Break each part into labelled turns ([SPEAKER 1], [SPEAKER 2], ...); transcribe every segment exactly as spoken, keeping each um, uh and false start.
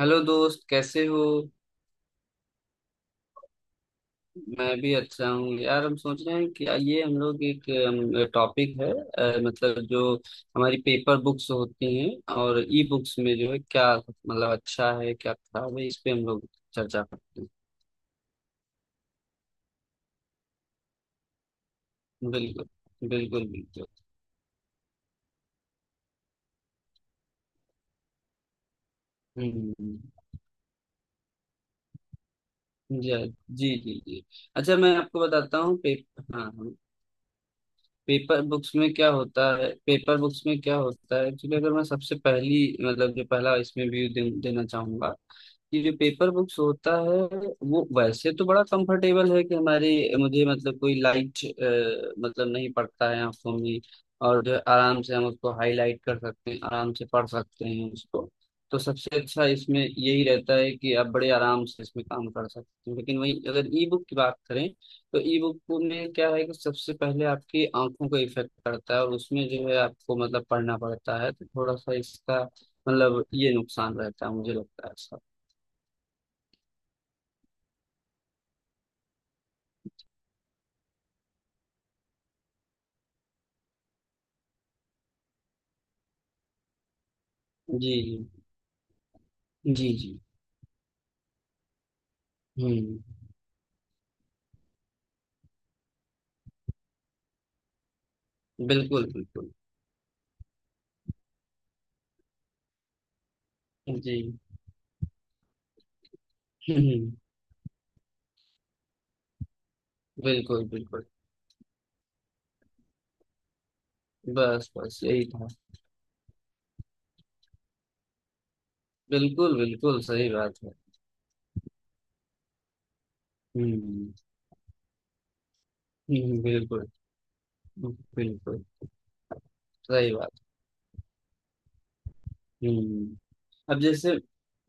[SPEAKER 1] Hello दोस्त कैसे हो। मैं भी अच्छा हूँ यार। हम सोच रहे हैं कि आइए हम लोग एक टॉपिक है अ, मतलब जो हमारी पेपर बुक्स होती हैं और ई बुक्स में जो है क्या मतलब अच्छा है क्या खराब है इस पे हम लोग चर्चा करते हैं। बिल्कुल बिल्कुल। बिल्कुल। हम्म। जी जी जी जी। अच्छा मैं आपको बताता हूँ पेपर, हाँ। पेपर बुक्स में क्या होता है, पेपर बुक्स में क्या होता है एक्चुअली। अगर मैं सबसे पहली मतलब जो पहला इसमें व्यू दे, देना चाहूंगा कि जो पेपर बुक्स होता है वो वैसे तो बड़ा कंफर्टेबल है कि हमारे, मुझे मतलब कोई लाइट मतलब नहीं पड़ता है आंखों में, और जो है आराम से हम उसको हाईलाइट कर सकते हैं, आराम से पढ़ सकते हैं उसको। तो सबसे अच्छा इसमें यही रहता है कि आप बड़े आराम से इसमें काम कर सकते हैं। लेकिन वही अगर ई बुक की बात करें तो ई बुक में क्या है कि सबसे पहले आपकी आंखों को इफेक्ट करता है, और उसमें जो है आपको मतलब पढ़ना पड़ता है तो थोड़ा सा इसका मतलब ये नुकसान रहता है, मुझे लगता है ऐसा। जी जी जी जी। हम्म, बिल्कुल बिल्कुल। जी। हम्म। बिल्कुल बिल्कुल। बस बस यही था। बिल्कुल बिल्कुल सही बात है। हम्म। हम्म, बिल्कुल। बिल्कुल सही बात। हम्म। अब जैसे,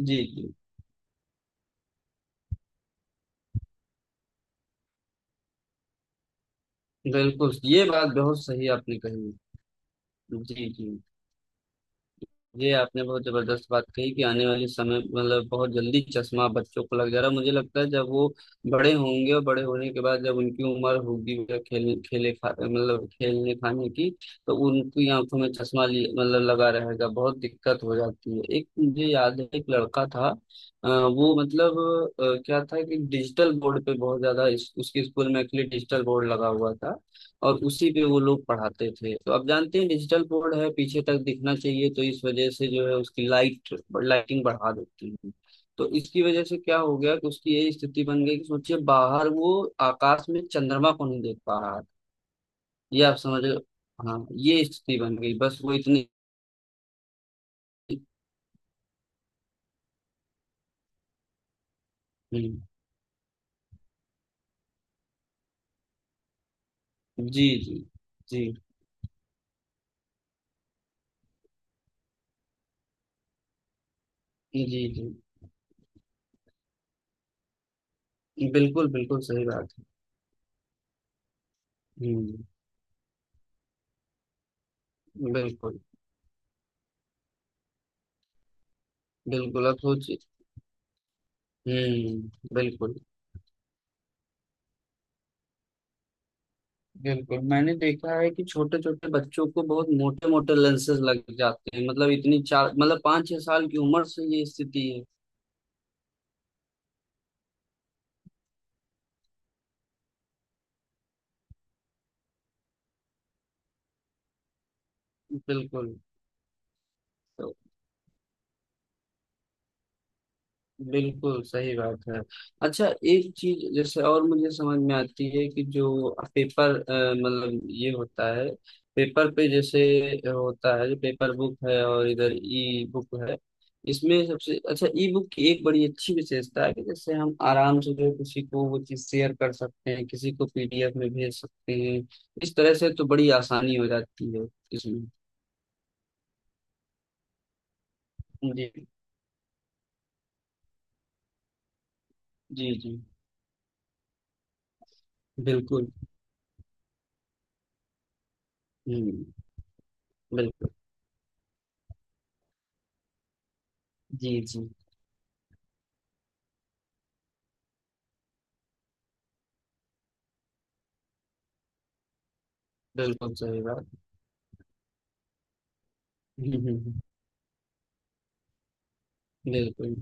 [SPEAKER 1] जी जी। बिल्कुल ये बात बहुत सही आपने कही। जी जी। ये आपने बहुत जबरदस्त बात कही कि आने वाले समय मतलब बहुत जल्दी चश्मा बच्चों को लग जा रहा है। मुझे लगता है जब वो बड़े होंगे और बड़े होने के बाद जब उनकी उम्र होगी वह खेल खेले खा मतलब खेलने खाने की, तो उनकी आंखों में चश्मा लिए- मतलब लगा रहेगा बहुत दिक्कत हो जाती है। एक मुझे याद है एक लड़का था, अ, वो मतलब अ, क्या था कि डिजिटल बोर्ड पे बहुत ज्यादा इस, उसके स्कूल में एक्चुअली डिजिटल बोर्ड लगा हुआ था और उसी पे वो लोग पढ़ाते थे। तो अब जानते हैं डिजिटल बोर्ड है पीछे तक दिखना चाहिए, तो इस वजह से जो है उसकी लाइट लाइटिंग बढ़ा देती है। तो इसकी वजह से क्या हो गया कि उसकी ये स्थिति बन गई कि सोचिए बाहर वो आकाश में चंद्रमा को नहीं देख पा रहा है। ये आप समझ लो। हाँ ये स्थिति बन गई, बस वो इतनी। हम्म, जी जी जी जी जी। बिल्कुल बिल्कुल सही बात है। हम्म, बिल्कुल। बिल्कुल अब सोचिए। हम्म, बिल्कुल। बिल्कुल मैंने देखा है कि छोटे छोटे बच्चों को बहुत मोटे मोटे लेंसेज लग जाते हैं। मतलब इतनी चार मतलब पाँच छह साल की उम्र से ये स्थिति है। बिल्कुल। तो बिल्कुल सही बात है। अच्छा एक चीज जैसे और मुझे समझ में आती है कि जो पेपर अ, मतलब ये होता है पेपर पे जैसे होता है। जो पेपर बुक है और इधर ई बुक है, इसमें सबसे अच्छा ई बुक की एक बड़ी अच्छी विशेषता है कि जैसे हम आराम से जो है किसी को वो चीज शेयर कर सकते हैं, किसी को पीडीएफ में भेज सकते हैं। इस तरह से तो बड़ी आसानी हो जाती है इसमें। जी जी जी। बिल्कुल। हम्म। बिल्कुल। जी जी। बिल्कुल सही बात। हम्म, हम्म, बिल्कुल।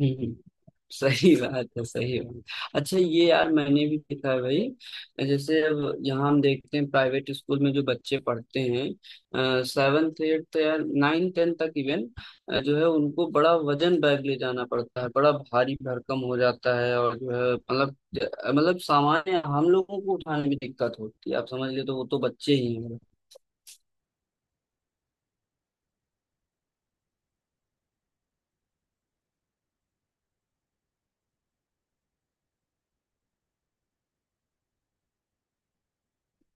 [SPEAKER 1] हम्म, सही बात है, सही बात। अच्छा ये यार मैंने भी देखा है भाई। जैसे अब यहाँ हम देखते हैं प्राइवेट स्कूल में जो बच्चे पढ़ते हैं सेवन्थ एट्थ, तो यार नाइन टेंथ तक इवन जो है उनको बड़ा वजन बैग ले जाना पड़ता है, बड़ा भारी भरकम हो जाता है और जो है मतलब, मतलब सामान्य हम लोगों को उठाने में दिक्कत होती है आप समझ ले, तो वो तो बच्चे ही हैं।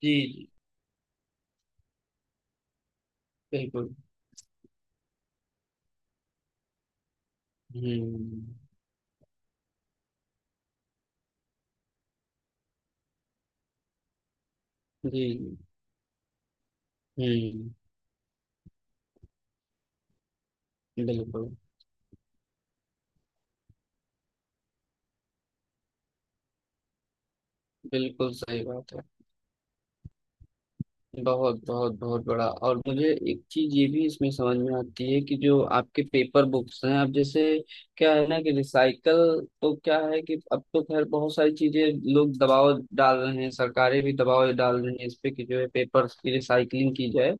[SPEAKER 1] जी जी। बिल्कुल। हम्म। जी। हम्म। बिल्कुल। बिल्कुल सही बात है। बहुत बहुत बहुत बड़ा। और मुझे एक चीज ये भी इसमें समझ में आती है कि जो आपके पेपर बुक्स हैं अब जैसे क्या है ना कि रिसाइकल, तो क्या है कि अब तो खैर बहुत सारी चीजें लोग दबाव डाल रहे हैं, सरकारें भी दबाव डाल रही हैं इस पे कि जो है पेपर की रिसाइकलिंग की जाए।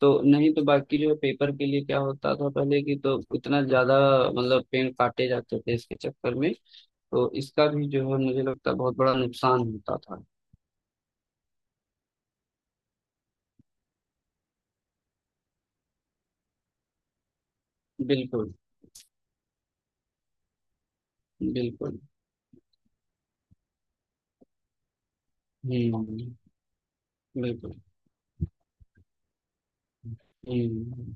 [SPEAKER 1] तो नहीं तो बाकी जो है पेपर के लिए क्या होता था पहले की तो इतना ज्यादा मतलब पेड़ काटे जाते थे इसके चक्कर में। तो इसका भी जो है मुझे लगता है बहुत बड़ा नुकसान होता था। बिल्कुल। बिल्कुल। हम्म। बिल्कुल। हम्म।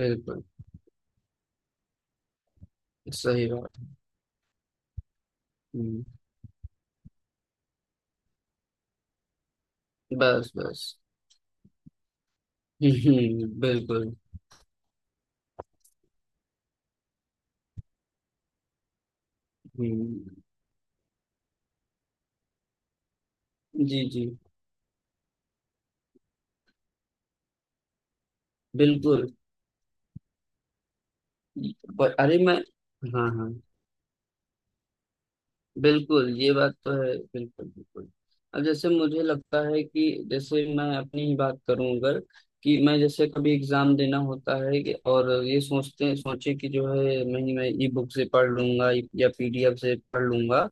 [SPEAKER 1] बिल्कुल। सही बात। हम्म। बस बस। हम्म, बिल्कुल। हम्म। जी जी। बिल्कुल। पर अरे मैं, हाँ हाँ। बिल्कुल ये बात तो है, बिल्कुल बिल्कुल। अब जैसे मुझे लगता है कि जैसे मैं अपनी ही बात करूं अगर, कि मैं जैसे कभी एग्जाम देना होता है कि- और ये सोचते सोचे कि जो है मैं मैं ई बुक से पढ़ लूंगा या पीडीएफ से पढ़ लूंगा,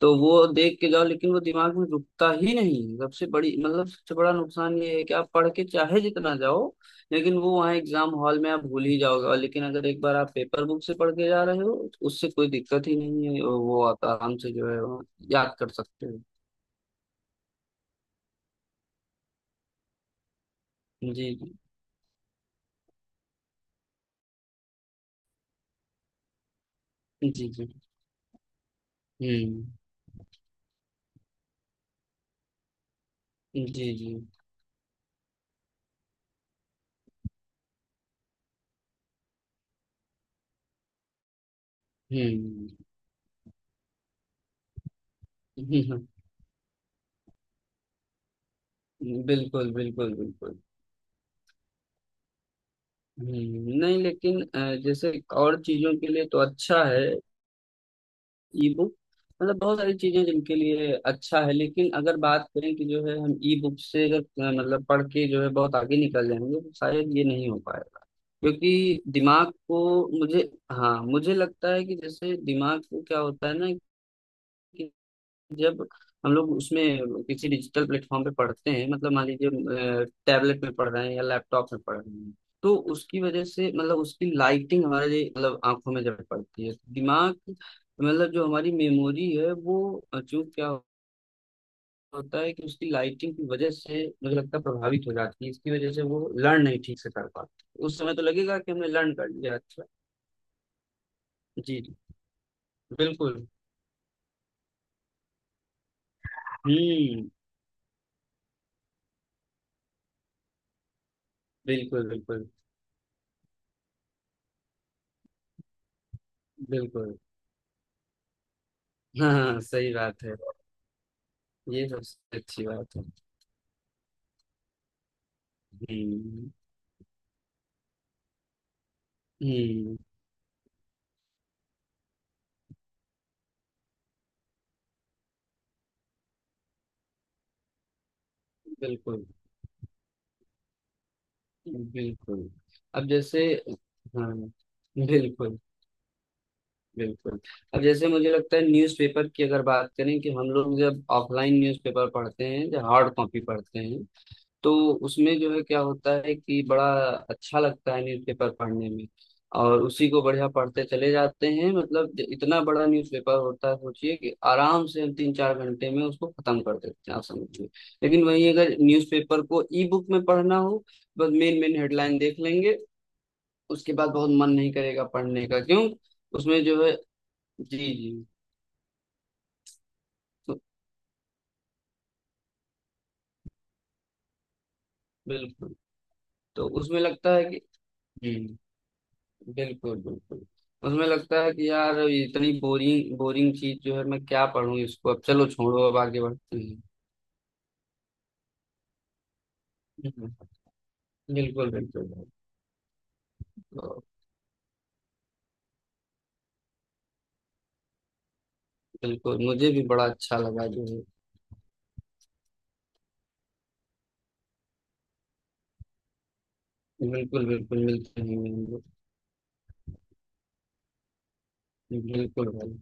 [SPEAKER 1] तो वो देख के जाओ लेकिन वो दिमाग में रुकता ही नहीं। सबसे बड़ी मतलब सबसे बड़ा नुकसान ये है कि आप पढ़ के चाहे जितना जाओ लेकिन वो वहाँ एग्जाम हॉल में आप भूल ही जाओगे। और लेकिन अगर एक बार आप पेपर बुक से पढ़ के जा रहे हो तो उससे कोई दिक्कत ही नहीं है, और वो आप आराम से जो है वो याद कर सकते हो। जी जी जी जी। हम्म। जी जी। हम्म। हम्म, बिल्कुल बिल्कुल बिल्कुल। हम्म, नहीं लेकिन अ, जैसे और चीजों के लिए तो अच्छा है ई बुक, मतलब बहुत सारी चीजें जिनके लिए अच्छा है। लेकिन अगर बात करें कि जो है हम ई बुक से अगर अ, मतलब पढ़ के जो है बहुत आगे निकल जाएंगे तो शायद ये नहीं हो पाएगा। क्योंकि दिमाग को, मुझे हाँ मुझे लगता है कि जैसे दिमाग को क्या होता है ना, जब हम लोग उसमें किसी डिजिटल प्लेटफॉर्म पे पढ़ते हैं, मतलब मान लीजिए टैबलेट में पढ़ रहे हैं या लैपटॉप में पढ़ रहे हैं, तो उसकी वजह से मतलब उसकी लाइटिंग हमारे लिए मतलब आंखों में जब पड़ती है, दिमाग मतलब जो हमारी मेमोरी है वो चूंकि क्या होता है कि उसकी लाइटिंग की वजह से मुझे लगता है प्रभावित हो जाती है। इसकी वजह से वो लर्न नहीं ठीक से कर पाती। उस समय तो लगेगा कि हमने लर्न कर लिया अच्छा। जी जी। बिल्कुल। हम्म। बिल्कुल। बिल्कुल। बिल्कुल। हाँ हाँ, सही बात है। ये सबसे अच्छी बात है। हम्म। हम्म। बिल्कुल। बिल्कुल। अब जैसे, हाँ। बिल्कुल बिल्कुल। अब जैसे मुझे लगता है न्यूज़पेपर की अगर बात करें, कि हम लोग जब ऑफलाइन न्यूज़पेपर पढ़ते हैं जब हार्ड कॉपी पढ़ते हैं तो उसमें जो है क्या होता है कि बड़ा अच्छा लगता है न्यूज़पेपर पढ़ने में, और उसी को बढ़िया पढ़ते चले जाते हैं। मतलब ज- इतना बड़ा न्यूज़पेपर होता है सोचिए कि आराम से हम तीन चार घंटे में उसको खत्म कर देते हैं आप समझिए। लेकिन वहीं अगर न्यूज़पेपर को ई बुक में पढ़ना हो बस मेन मेन हेडलाइन देख लेंगे, उसके बाद बहुत मन नहीं करेगा पढ़ने का, क्यों? उसमें जो है, जी जी। तो बिल्कुल। तो उसमें लगता है कि, जी। बिल्कुल बिल्कुल। उसमें लगता है कि यार इतनी बोरिंग बोरिंग चीज जो है मैं क्या पढूं इसको, अब चलो छोड़ो, अब आगे बढ़ते हैं। हम्म, बिल्कुल बिल्कुल। तो बिल्कुल मुझे भी बड़ा अच्छा लगा जो है। बिल्कुल बिल्कुल, मिलते हैं हम लोग। बिल्कुल भाई।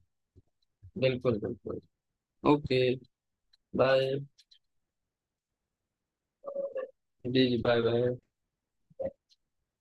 [SPEAKER 1] बिल्कुल बिल्कुल। ओके। बाय। जी जी, बाय बाय।